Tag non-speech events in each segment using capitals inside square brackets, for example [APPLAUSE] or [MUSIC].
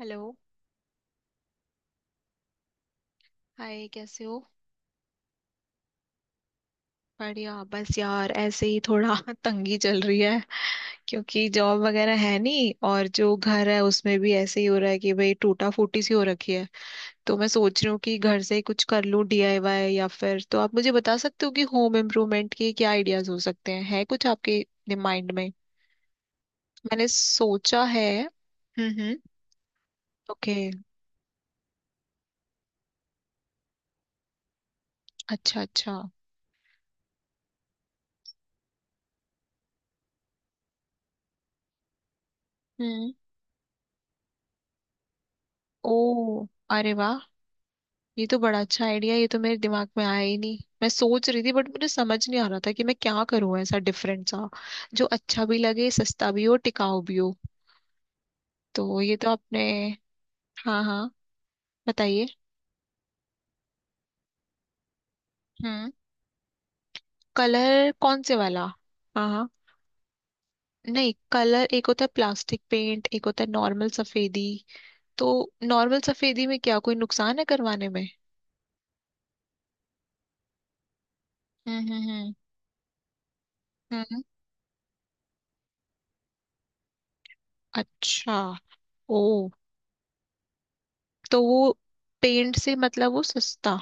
Hello. Hi, कैसे हो। बढ़िया। बस यार ऐसे ही थोड़ा [LAUGHS] तंगी चल रही है। क्योंकि जॉब वगैरह है नहीं, और जो घर है उसमें भी ऐसे ही हो रहा है कि भाई टूटा फूटी सी हो रखी है। तो मैं सोच रही हूँ कि घर से ही कुछ कर लूँ, डीआईवाई, या फिर तो आप मुझे बता सकते हो कि होम इम्प्रूवमेंट के क्या आइडियाज हो सकते हैं। है कुछ आपके माइंड में। मैंने सोचा है। हम्म, हम्म। ओके। अच्छा, अच्छा। हम्म। ओ। अरे वाह। ये तो बड़ा अच्छा आइडिया। ये तो मेरे दिमाग में आया ही नहीं। मैं सोच रही थी, बट मुझे समझ नहीं आ रहा था कि मैं क्या करूं ऐसा डिफरेंट सा, जो अच्छा भी लगे, सस्ता भी हो, टिकाऊ भी हो। तो ये तो आपने। हाँ, हाँ, बताइए। हम्म। कलर कौन से वाला। हाँ, हाँ। नहीं, कलर एक होता है, प्लास्टिक पेंट एक होता है, नॉर्मल सफेदी। तो। नॉर्मल सफेदी में क्या कोई नुकसान है करवाने में। हम्म, हम्म, हम्म, हम्म। अच्छा। ओ। तो वो पेंट से मतलब वो सस्ता।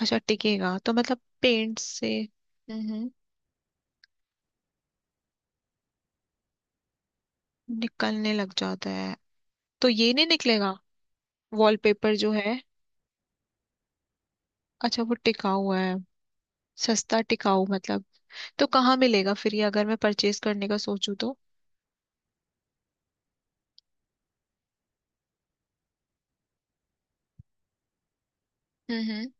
अच्छा, टिकेगा तो मतलब पेंट से। हम्म। निकलने लग जाता है। तो ये नहीं निकलेगा। वॉलपेपर जो है। अच्छा, वो टिकाऊ हुआ है। सस्ता टिकाऊ मतलब। तो कहाँ मिलेगा फिर ये, अगर मैं परचेज करने का सोचूं तो। हम्म।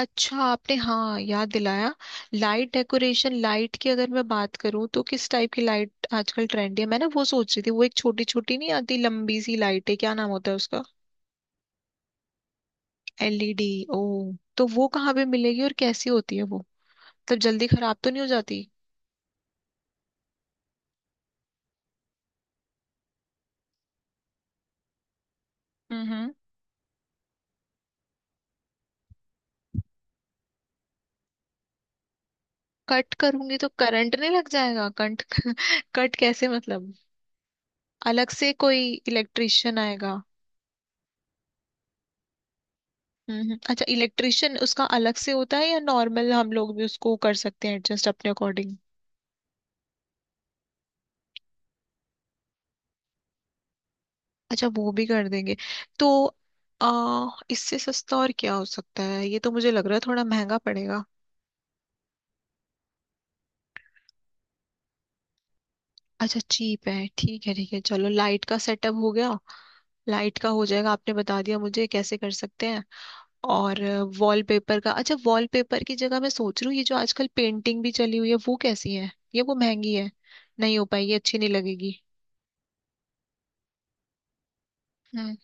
अच्छा, आपने हाँ याद दिलाया। लाइट, डेकोरेशन लाइट की अगर मैं बात करूँ, तो किस टाइप की लाइट आजकल ट्रेंडी है। मैं ना वो सोच रही थी, वो एक छोटी छोटी नहीं आती लंबी सी लाइट है, क्या नाम होता है उसका। एलईडी। ओ। तो वो कहाँ पे मिलेगी और कैसी होती है वो। तब जल्दी खराब तो नहीं हो जाती। हम्म। कट करूंगी तो करंट नहीं लग जाएगा। कट। कट कैसे मतलब। अलग से कोई इलेक्ट्रिशियन आएगा। हम्म, अच्छा, इलेक्ट्रिशियन उसका अलग से होता है या नॉर्मल हम लोग भी उसको कर सकते हैं एडजस्ट अपने अकॉर्डिंग। अच्छा, वो भी कर देंगे। तो इससे सस्ता और क्या हो सकता है। ये तो मुझे लग रहा है थोड़ा महंगा पड़ेगा। अच्छा, चीप है। ठीक है, ठीक है, चलो लाइट का सेटअप हो गया। लाइट का हो जाएगा, आपने बता दिया मुझे कैसे कर सकते हैं। और। वॉलपेपर का अच्छा, वॉलपेपर की जगह मैं सोच रही हूँ, ये जो आजकल पेंटिंग भी चली हुई है वो कैसी है। ये वो महंगी है, नहीं हो पाएगी, अच्छी नहीं लगेगी। हम्म।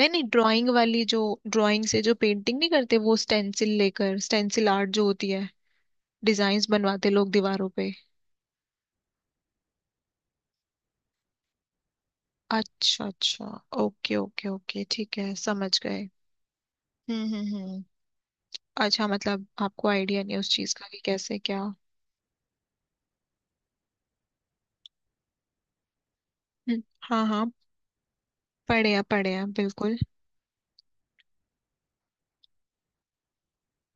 नहीं, नहीं, ड्राइंग वाली जो, ड्राइंग से जो पेंटिंग नहीं करते वो स्टेंसिल लेकर स्टेंसिल आर्ट जो होती है, डिजाइन्स बनवाते लोग दीवारों पे। अच्छा, अच्छा। ओके, ओके, ओके, ठीक है, समझ गए। हम्म, हम्म, अच्छा, मतलब आपको आइडिया नहीं है उस चीज का कि कैसे क्या। हाँ, हाँ। पढ़े हैं, पढ़े हैं, बिल्कुल।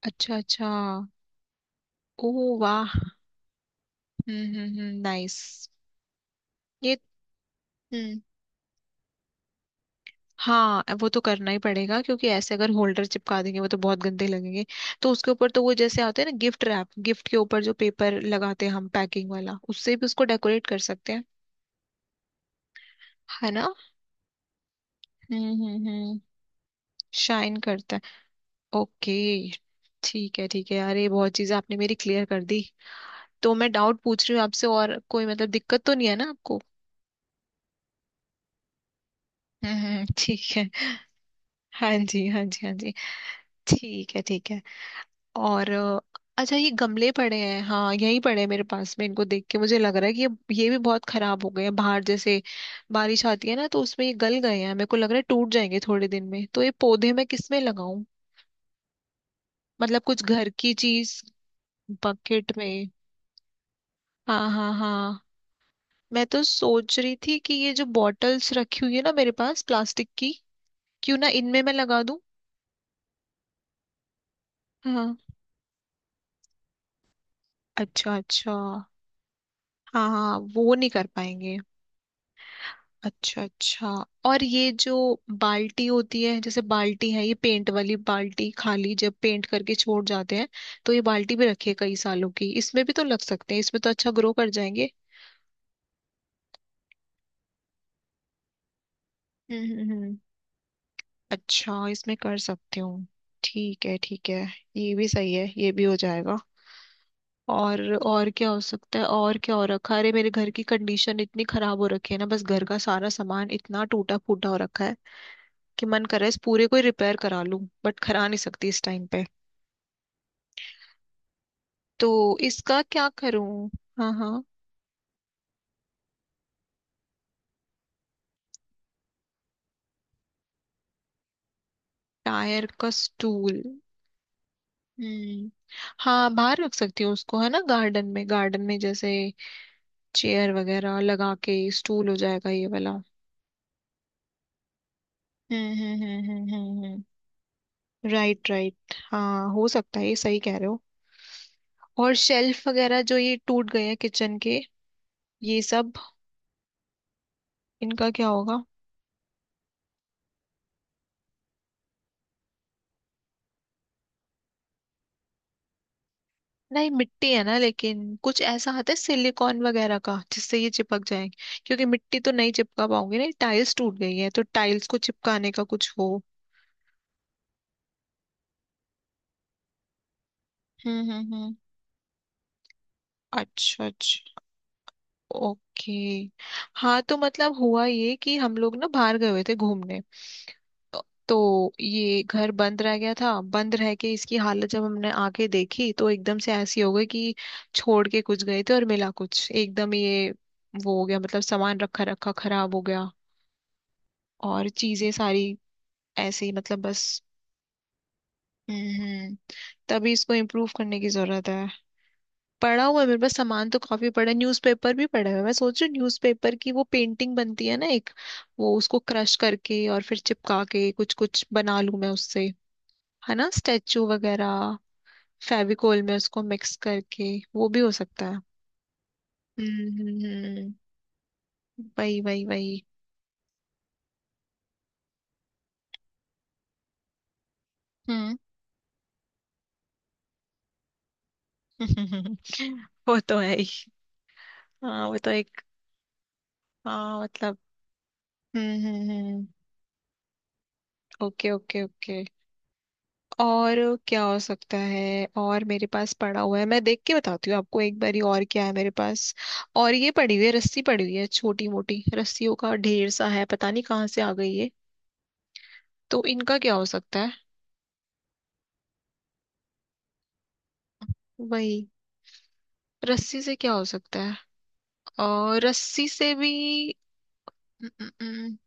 अच्छा, अच्छा। ओह वाह। हम्म, हम्म, हम्म, नाइस। ये। हम्म। हाँ, वो तो करना ही पड़ेगा क्योंकि ऐसे अगर होल्डर चिपका देंगे वो तो बहुत गंदे लगेंगे। तो उसके ऊपर तो वो जैसे आते हैं ना, गिफ्ट रैप, गिफ्ट के ऊपर जो पेपर लगाते हैं हम पैकिंग वाला, उससे भी उसको डेकोरेट कर सकते हैं। है ना। हम्म, हम्म, हम्म। शाइन करता है। ओके। ठीक है, ठीक है, अरे बहुत चीजें आपने मेरी क्लियर कर दी। तो मैं डाउट पूछ रही हूँ आपसे और, कोई मतलब दिक्कत तो नहीं है ना आपको। हम्म, ठीक है। हाँ जी, हाँ जी, हाँ जी। ठीक है, ठीक है। और अच्छा, ये गमले पड़े हैं। हाँ, यहीं पड़े हैं मेरे पास में। इनको देख के मुझे लग रहा है कि ये भी बहुत खराब हो गए हैं। बाहर जैसे बारिश आती है ना, तो उसमें ये गल गए हैं। मेरे को लग रहा है टूट जाएंगे थोड़े दिन में। तो ये पौधे मैं किसमें लगाऊं, मतलब कुछ घर की चीज। बकेट में। हाँ, हाँ, हाँ। मैं तो सोच रही थी कि ये जो बॉटल्स रखी हुई है ना मेरे पास, प्लास्टिक की, क्यों ना इनमें मैं लगा दूं। हाँ। अच्छा, अच्छा। हाँ, हाँ, वो नहीं कर पाएंगे। अच्छा, अच्छा। और ये जो बाल्टी होती है, जैसे बाल्टी है ये पेंट वाली बाल्टी, खाली जब पेंट करके छोड़ जाते हैं। तो ये बाल्टी भी रखिए कई सालों की, इसमें भी तो लग सकते हैं, इसमें तो अच्छा ग्रो कर जाएंगे। हम्म, हम्म, अच्छा, इसमें कर सकती हूँ। ठीक है, ठीक है। ये भी सही है, ये भी हो जाएगा। और क्या हो सकता है, और क्या हो रखा है। अरे मेरे घर की कंडीशन इतनी खराब हो रखी है ना, बस घर का सारा सामान इतना टूटा फूटा हो रखा है कि मन कर रहा है इस पूरे को ही रिपेयर करा लूं, बट करा नहीं सकती इस टाइम पे। तो इसका क्या करूं। हाँ, हाँ। टायर का स्टूल। हम्म। हाँ, बाहर रख सकती हूँ उसको है ना, गार्डन में, गार्डन में जैसे। चेयर वगैरह लगा के। स्टूल हो जाएगा ये वाला। हम्म, हम्म, हम्म, हम्म, हम्म, राइट, राइट, हाँ, हो सकता है, ये सही कह रहे हो। और शेल्फ वगैरह जो ये टूट गए हैं किचन के, ये सब, इनका क्या होगा। नहीं, मिट्टी है ना, लेकिन कुछ ऐसा आता है सिलिकॉन वगैरह का जिससे ये चिपक जाए। क्योंकि मिट्टी तो नहीं चिपका पाओगे, नहीं टाइल्स टूट गई है, तो टाइल्स को चिपकाने का कुछ हो। हम्म, हम्म, हम्म। अच्छा, अच्छा। ओके। हाँ, तो मतलब हुआ ये कि हम लोग ना बाहर गए हुए थे घूमने, तो ये घर बंद रह गया था। बंद रह के इसकी हालत जब हमने आके देखी तो एकदम से ऐसी हो गई कि, छोड़ के कुछ गए थे और मिला कुछ एकदम ये, वो हो गया मतलब सामान रखा रखा खराब हो गया, और चीजें सारी ऐसे ही मतलब बस। हम्म। तभी इसको इम्प्रूव करने की जरूरत है। पड़ा हुआ है मेरे पास सामान तो काफी पड़ा है, न्यूज़पेपर भी पड़ा हुआ है। मैं सोच रही हूँ न्यूज़पेपर की वो पेंटिंग बनती है ना एक, वो उसको क्रश करके और फिर चिपका के कुछ कुछ बना लूं मैं उससे। है ना, स्टेचू वगैरह। फेविकोल में उसको मिक्स करके। वो भी हो सकता है। हम्म, हम्म, वही, वही, वही। हम्म। [LAUGHS] वो तो है ही। हाँ, वो तो एक। हाँ, मतलब। हम्म, हम्म, हम्म। Okay, okay, okay. और। क्या हो सकता है और मेरे पास पड़ा हुआ है, मैं देख के बताती हूँ आपको एक बारी, और क्या है मेरे पास। और ये पड़ी हुई है रस्सी, पड़ी हुई है, छोटी मोटी रस्सियों का ढेर सा है, पता नहीं कहाँ से आ गई ये, तो इनका क्या हो सकता है। वही। रस्सी से क्या हो सकता है। और रस्सी से भी। अम, अम, अम,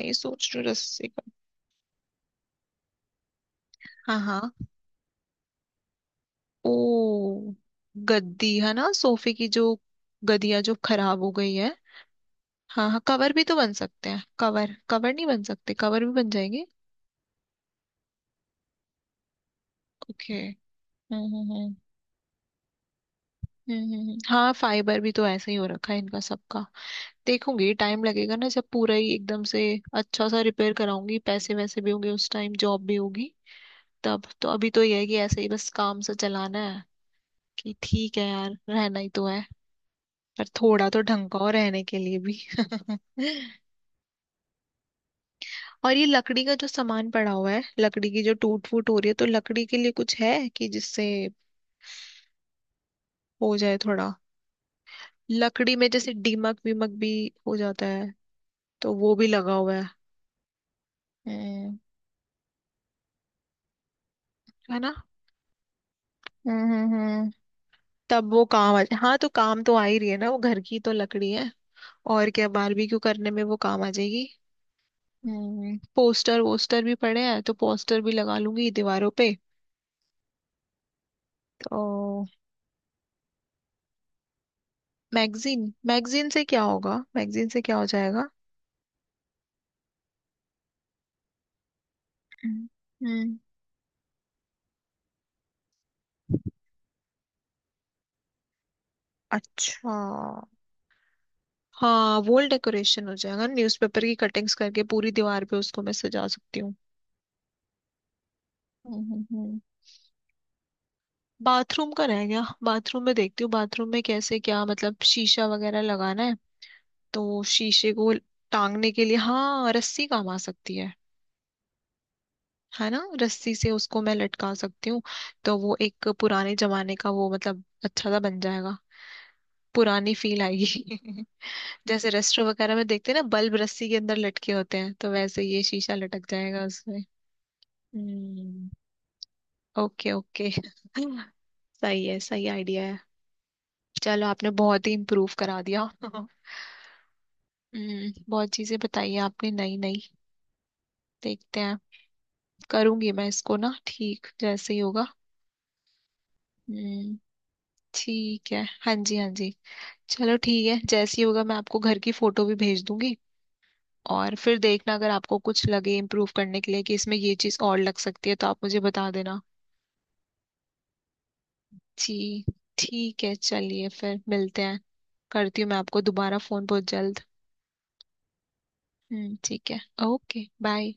नहीं, सोच रही हूँ रस्सी का। हाँ, हाँ। ओ। गद्दी है ना सोफे की जो, गदिया जो खराब हो गई है। हाँ, हाँ, कवर भी तो बन सकते हैं, कवर कवर नहीं बन सकते, कवर भी बन जाएंगे। ओके। हम्म, हम्म, हम्म, हाँ, फाइबर भी तो ऐसे ही हो रखा है इनका सबका। देखूंगी, टाइम लगेगा ना, जब पूरा ही एकदम से अच्छा सा रिपेयर कराऊंगी, पैसे वैसे भी होंगे उस टाइम, जॉब भी होगी तब तो। अभी तो यह है कि ऐसे ही बस काम से चलाना है, कि ठीक है यार रहना ही तो है, पर थोड़ा तो ढंग का हो रहने के लिए भी [LAUGHS] और ये लकड़ी का जो सामान पड़ा हुआ है, लकड़ी की जो टूट फूट हो रही है, तो लकड़ी के लिए कुछ है कि जिससे हो जाए थोड़ा। लकड़ी में जैसे दीमक वीमक भी हो जाता है, तो वो भी लगा हुआ है। हम्म। है ना। हम्म, हम्म, तब वो काम आ, हाँ तो काम तो आ ही रही है ना वो, घर की तो लकड़ी है। और क्या, बारबेक्यू करने में वो काम आ जाएगी। पोस्टर वोस्टर भी पड़े हैं, तो पोस्टर भी लगा लूंगी दीवारों पे। तो। मैगजीन, मैगजीन से क्या होगा, मैगजीन से क्या हो जाएगा। हम्म, हम्म। अच्छा। हाँ, वॉल डेकोरेशन हो जाएगा, न्यूज़पेपर की कटिंग्स करके पूरी दीवार पे उसको मैं सजा सकती हूँ। हम्म, हम्म, बाथरूम का रह गया, बाथरूम में देखती हूँ, बाथरूम में कैसे क्या। मतलब शीशा वगैरह लगाना है, तो शीशे को टांगने के लिए हाँ, रस्सी काम आ सकती है। है ना, रस्सी से उसको मैं लटका सकती हूँ। तो वो एक पुराने जमाने का, वो मतलब अच्छा सा बन जाएगा। पुरानी फील आएगी। [LAUGHS] जैसे रेस्टोरेंट वगैरह में देखते हैं ना, बल्ब रस्सी के अंदर लटके होते हैं, तो वैसे ये शीशा लटक जाएगा। हम्म। ओके, ओके [LAUGHS] सही है, सही आइडिया है। चलो, आपने बहुत ही इम्प्रूव करा दिया [LAUGHS] हम्म, बहुत चीजें बताई हैं आपने, नई नई। देखते हैं। करूंगी मैं इसको ना ठीक, जैसे ही होगा। हम्म, ठीक है, हाँ जी, हाँ जी। चलो ठीक है, जैसे ही होगा मैं आपको घर की फोटो भी भेज दूंगी। और फिर देखना, अगर आपको कुछ लगे इम्प्रूव करने के लिए कि इसमें ये चीज और लग सकती है, तो आप मुझे बता देना। जी। ठीक है, चलिए फिर मिलते हैं। करती हूँ मैं आपको दोबारा फोन बहुत जल्द। हम्म, ठीक है। Okay bye.